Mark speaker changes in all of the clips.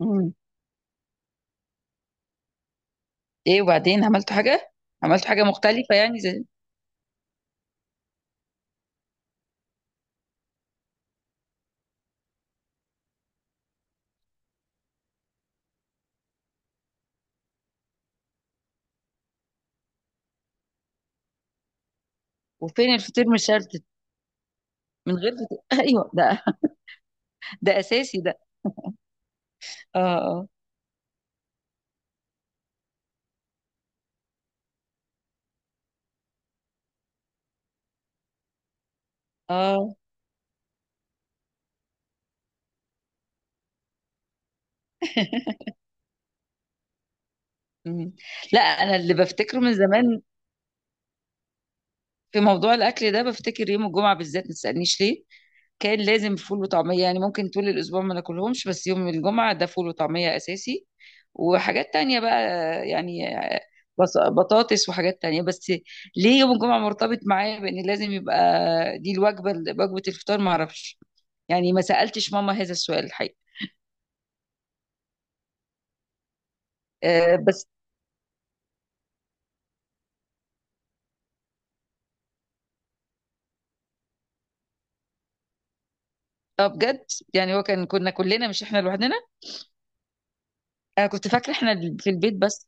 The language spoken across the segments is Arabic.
Speaker 1: مم. ايه، وبعدين عملتوا حاجه مختلفه يعني زي وفين الفطير مشلتت، من غير فطير ايوه ده، ده اساسي ده. اه، اه، اه. مم. لا، انا اللي بفتكره من زمان في موضوع الاكل ده بفتكر يوم الجمعه بالذات، ما تسالنيش ليه كان لازم فول وطعميه. يعني ممكن طول الاسبوع ما ناكلهمش، بس يوم الجمعه ده فول وطعميه اساسي. وحاجات تانية بقى، يعني بطاطس وحاجات تانية بس. ليه يوم الجمعه مرتبط معايا بان لازم يبقى دي الوجبه، وجبه الفطار، ما اعرفش؟ يعني ما سالتش ماما هذا السؤال الحقيقه. أه بس. اه بجد. يعني هو كنا كلنا، مش احنا لوحدنا. انا كنت فاكره احنا في البيت بس.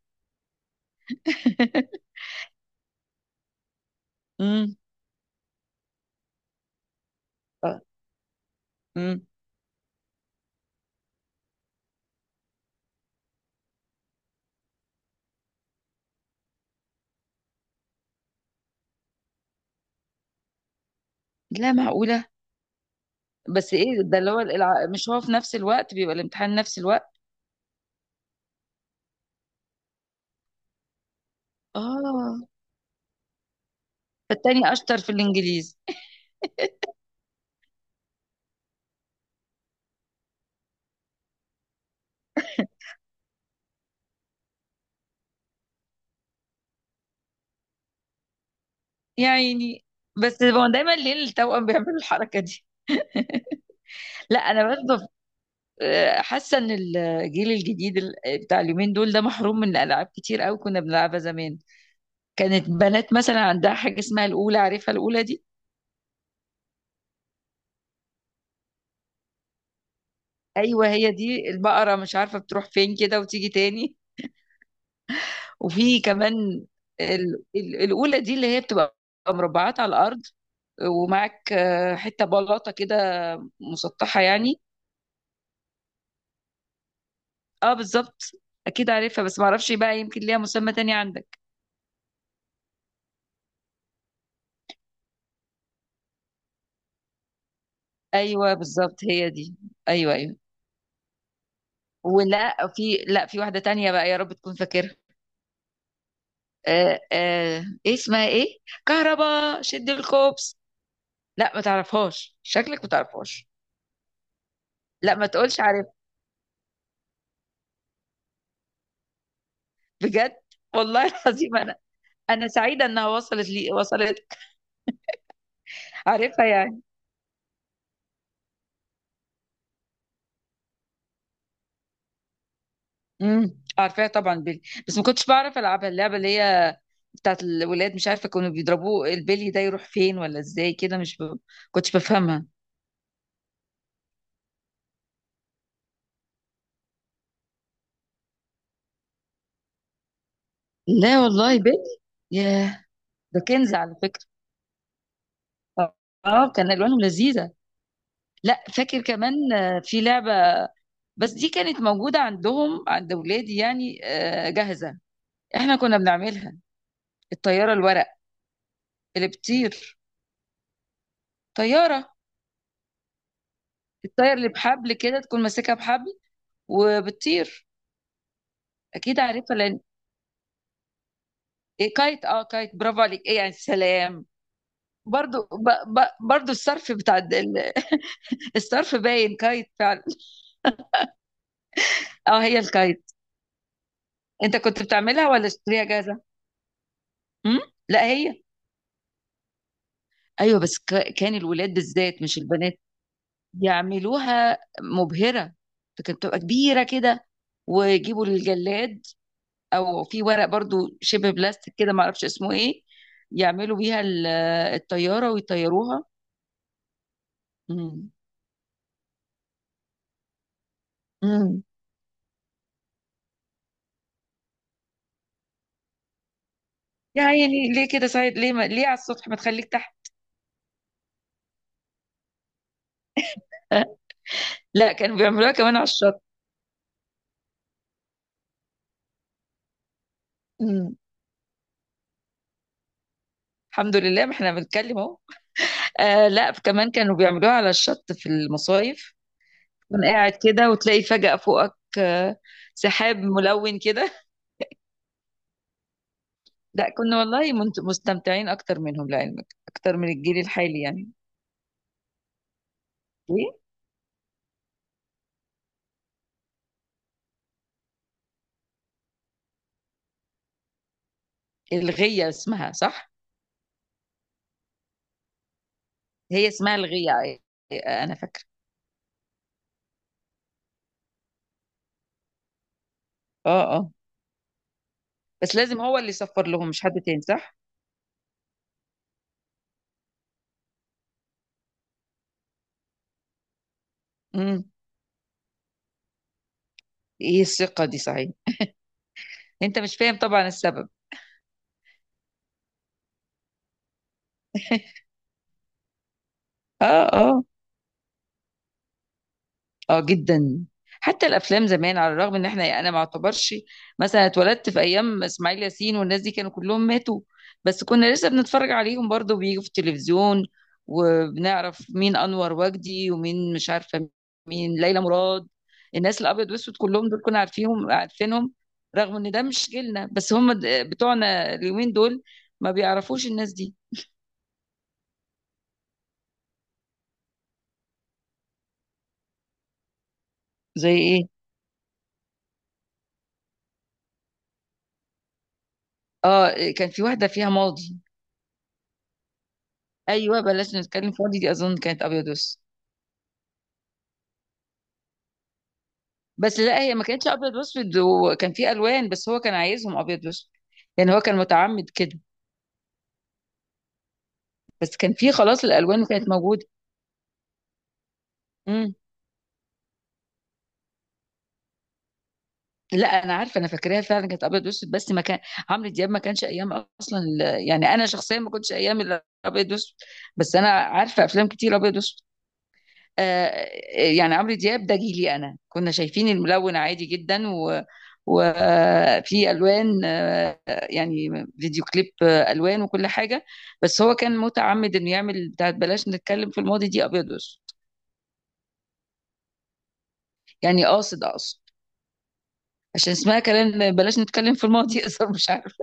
Speaker 1: امم. امم. لا معقوله. بس ايه ده اللي هو مش هو في نفس الوقت بيبقى الامتحان نفس الوقت؟ اه، فالتاني اشطر في الانجليزي. يا عيني. بس هو دايما ليه التوأم بيعملوا الحركه دي؟ لا انا برضه حاسه ان الجيل الجديد بتاع اليومين دول ده محروم من العاب كتير قوي كنا بنلعبها زمان. كانت بنات مثلا عندها حاجه اسمها الاولى، عارفها الاولى دي؟ ايوه، هي دي البقره، مش عارفه بتروح فين كده وتيجي تاني. وفي كمان الأولى دي اللي هي بتبقى مربعات على الأرض، ومعاك حتة بلاطة كده، مسطحة يعني. اه بالظبط. أكيد عارفها، بس معرفش بقى، يمكن ليها مسمى تاني عندك. أيوه بالظبط، هي دي. أيوه، أيوه. ولا في، لا، في واحدة تانية بقى، يا رب تكون فاكرها. إيه اسمها إيه؟ كهربا شد الكوبس. لا ما تعرفهاش، شكلك ما تعرفهاش. لا ما تقولش عارف. بجد؟ والله العظيم أنا. انا سعيده انها وصلت لي، وصلت. عارفها يعني. عارفاها طبعا، بيلي. بس ما كنتش بعرف العبها، اللعبه اللي هي بتاعت الولاد، مش عارفه كانوا بيضربوه البلي ده يروح فين ولا ازاي كده، مش كنتش بفهمها. لا والله، بلي. ياه. ده كنز على فكره. اه، كان الوانهم لذيذه. لا فاكر كمان، في لعبه، بس دي كانت موجوده عندهم عند ولادي يعني جاهزه. احنا كنا بنعملها. الطياره الورق اللي بتطير. طياره، الطياره اللي بحبل كده، تكون ماسكها بحبل وبتطير. اكيد عارفها لان إيه، كايت، كايت، برافو عليك. ايه يعني، سلام. برضو برضو الصرف بتاع الصرف باين كايت فعلا. اه هي الكايت. انت كنت بتعملها ولا اشتريها جاهزه؟ امم. لا هي. ايوه بس كان الولاد بالذات مش البنات يعملوها مبهره، فكانت بتبقى كبيره كده، ويجيبوا الجلاد، او في ورق برضو شبه بلاستيك كده، معرفش اسمه ايه، يعملوا بيها الطياره ويطيروها. امم. يعني ليه كده صحيح، ليه ما... ليه على السطح، ما تخليك تحت؟ آه. لا كانوا بيعملوها كمان على الشط. مم. الحمد لله ما احنا بنتكلم اهو. لا كمان كانوا بيعملوها على الشط في المصايف. تكون قاعد كده وتلاقي فجأة فوقك سحاب ملون كده. لا كنا والله مستمتعين اكتر منهم لعلمك، اكتر من الجيل الحالي يعني. ايه الغية اسمها، صح؟ هي اسمها الغية. انا فاكرة. اه، اه. بس لازم هو اللي يصفر لهم، مش حد تاني صح؟ امم. ايه الثقة دي صحيح. انت مش فاهم طبعا السبب. اه، اه. اه جدا. حتى الافلام زمان، على الرغم ان انا ما اعتبرش مثلا اتولدت في ايام اسماعيل ياسين والناس دي كانوا كلهم ماتوا، بس كنا لسه بنتفرج عليهم برضو بيجوا في التلفزيون. وبنعرف مين انور وجدي ومين مش عارفه، مين ليلى مراد. الناس الابيض واسود كلهم دول كنا عارفينهم. رغم ان ده مش جيلنا، بس هم بتوعنا اليومين دول ما بيعرفوش الناس دي. زي ايه؟ اه كان في واحده فيها ماضي. ايوه، بلاش نتكلم فاضي، دي اظن كانت ابيض واسود. بس لا، هي ما كانتش ابيض واسود، وكان في الوان، بس هو كان عايزهم ابيض واسود. يعني هو كان متعمد كده. بس كان في خلاص الالوان وكانت موجوده. امم. لا انا عارفه، انا فاكراها فعلا كانت ابيض واسود. بس ما كان عمرو دياب ما كانش ايام، اصلا يعني انا شخصيا ما كنتش ايام الابيض واسود. بس انا عارفه افلام كتير ابيض واسود. آه، يعني عمرو دياب ده جيلي انا، كنا شايفين الملون عادي جدا، و وفي الوان يعني فيديو كليب الوان وكل حاجه. بس هو كان متعمد انه يعمل بتاعت بلاش نتكلم في الماضي دي ابيض واسود. يعني اقصد عشان اسمها كلام بلاش نتكلم في الماضي يقصر، مش عارف.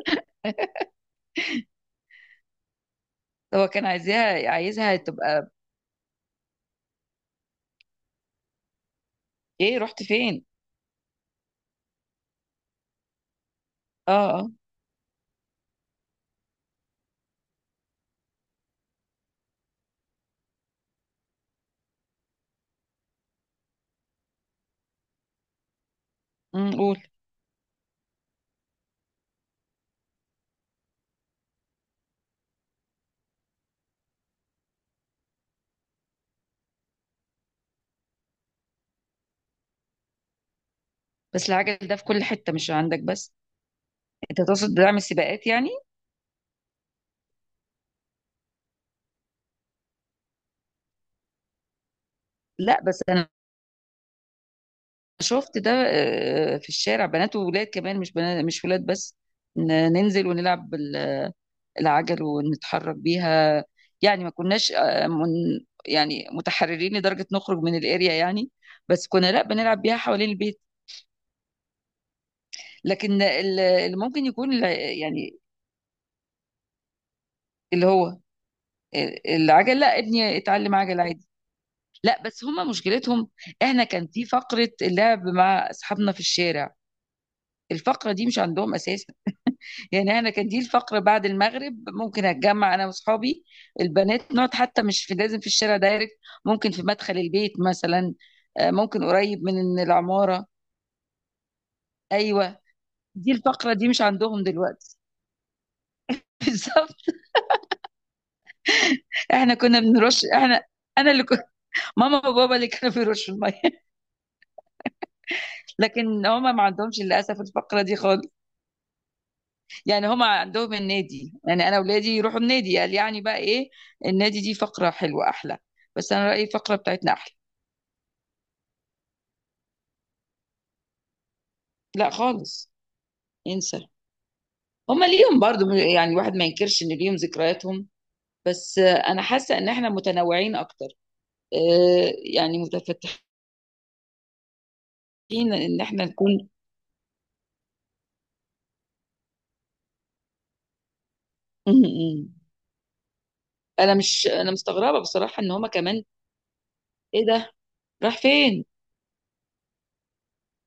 Speaker 1: هو كان عايزها تبقى. ايه رحت فين؟ اه، اه. قول. بس العجل ده في كل حته، مش عندك بس. انت تقصد دعم السباقات يعني. لا بس انا شفت ده في الشارع بنات وولاد كمان، مش بنات مش ولاد بس. ننزل ونلعب العجل ونتحرك بيها. يعني ما كناش من يعني متحررين لدرجة نخرج من الاريا يعني، بس كنا لا بنلعب بيها حوالين البيت. لكن اللي ممكن يكون يعني اللي هو العجل، لا ابني اتعلم عجل عادي. لا بس هما مشكلتهم. احنا كان في فقرة اللعب مع اصحابنا في الشارع. الفقرة دي مش عندهم اساسا. يعني انا كان دي الفقرة بعد المغرب ممكن اتجمع انا واصحابي البنات، نقعد حتى مش في لازم في الشارع دايركت، ممكن في مدخل البيت مثلا. ممكن قريب من العمارة. ايوه دي الفقرة دي مش عندهم دلوقتي. بالظبط. احنا كنا بنرش، احنا انا اللي كنت، ماما وبابا اللي كانوا بيرشوا الميه. لكن هما ما عندهمش للاسف الفقره دي خالص. يعني هما عندهم النادي، يعني انا اولادي يروحوا النادي، قال يعني بقى ايه. النادي دي فقره حلوه احلى، بس انا رايي الفقره بتاعتنا احلى. لا خالص. ينسى. هما ليهم برضو، يعني الواحد ما ينكرش ان ليهم ذكرياتهم. بس انا حاسه ان احنا متنوعين اكتر، يعني متفتحين، ان احنا نكون م- م. انا مش انا مستغربه بصراحه ان هما كمان. ايه ده، راح فين.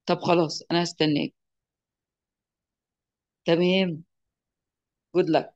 Speaker 1: طب خلاص انا هستناك. تمام. جود لك.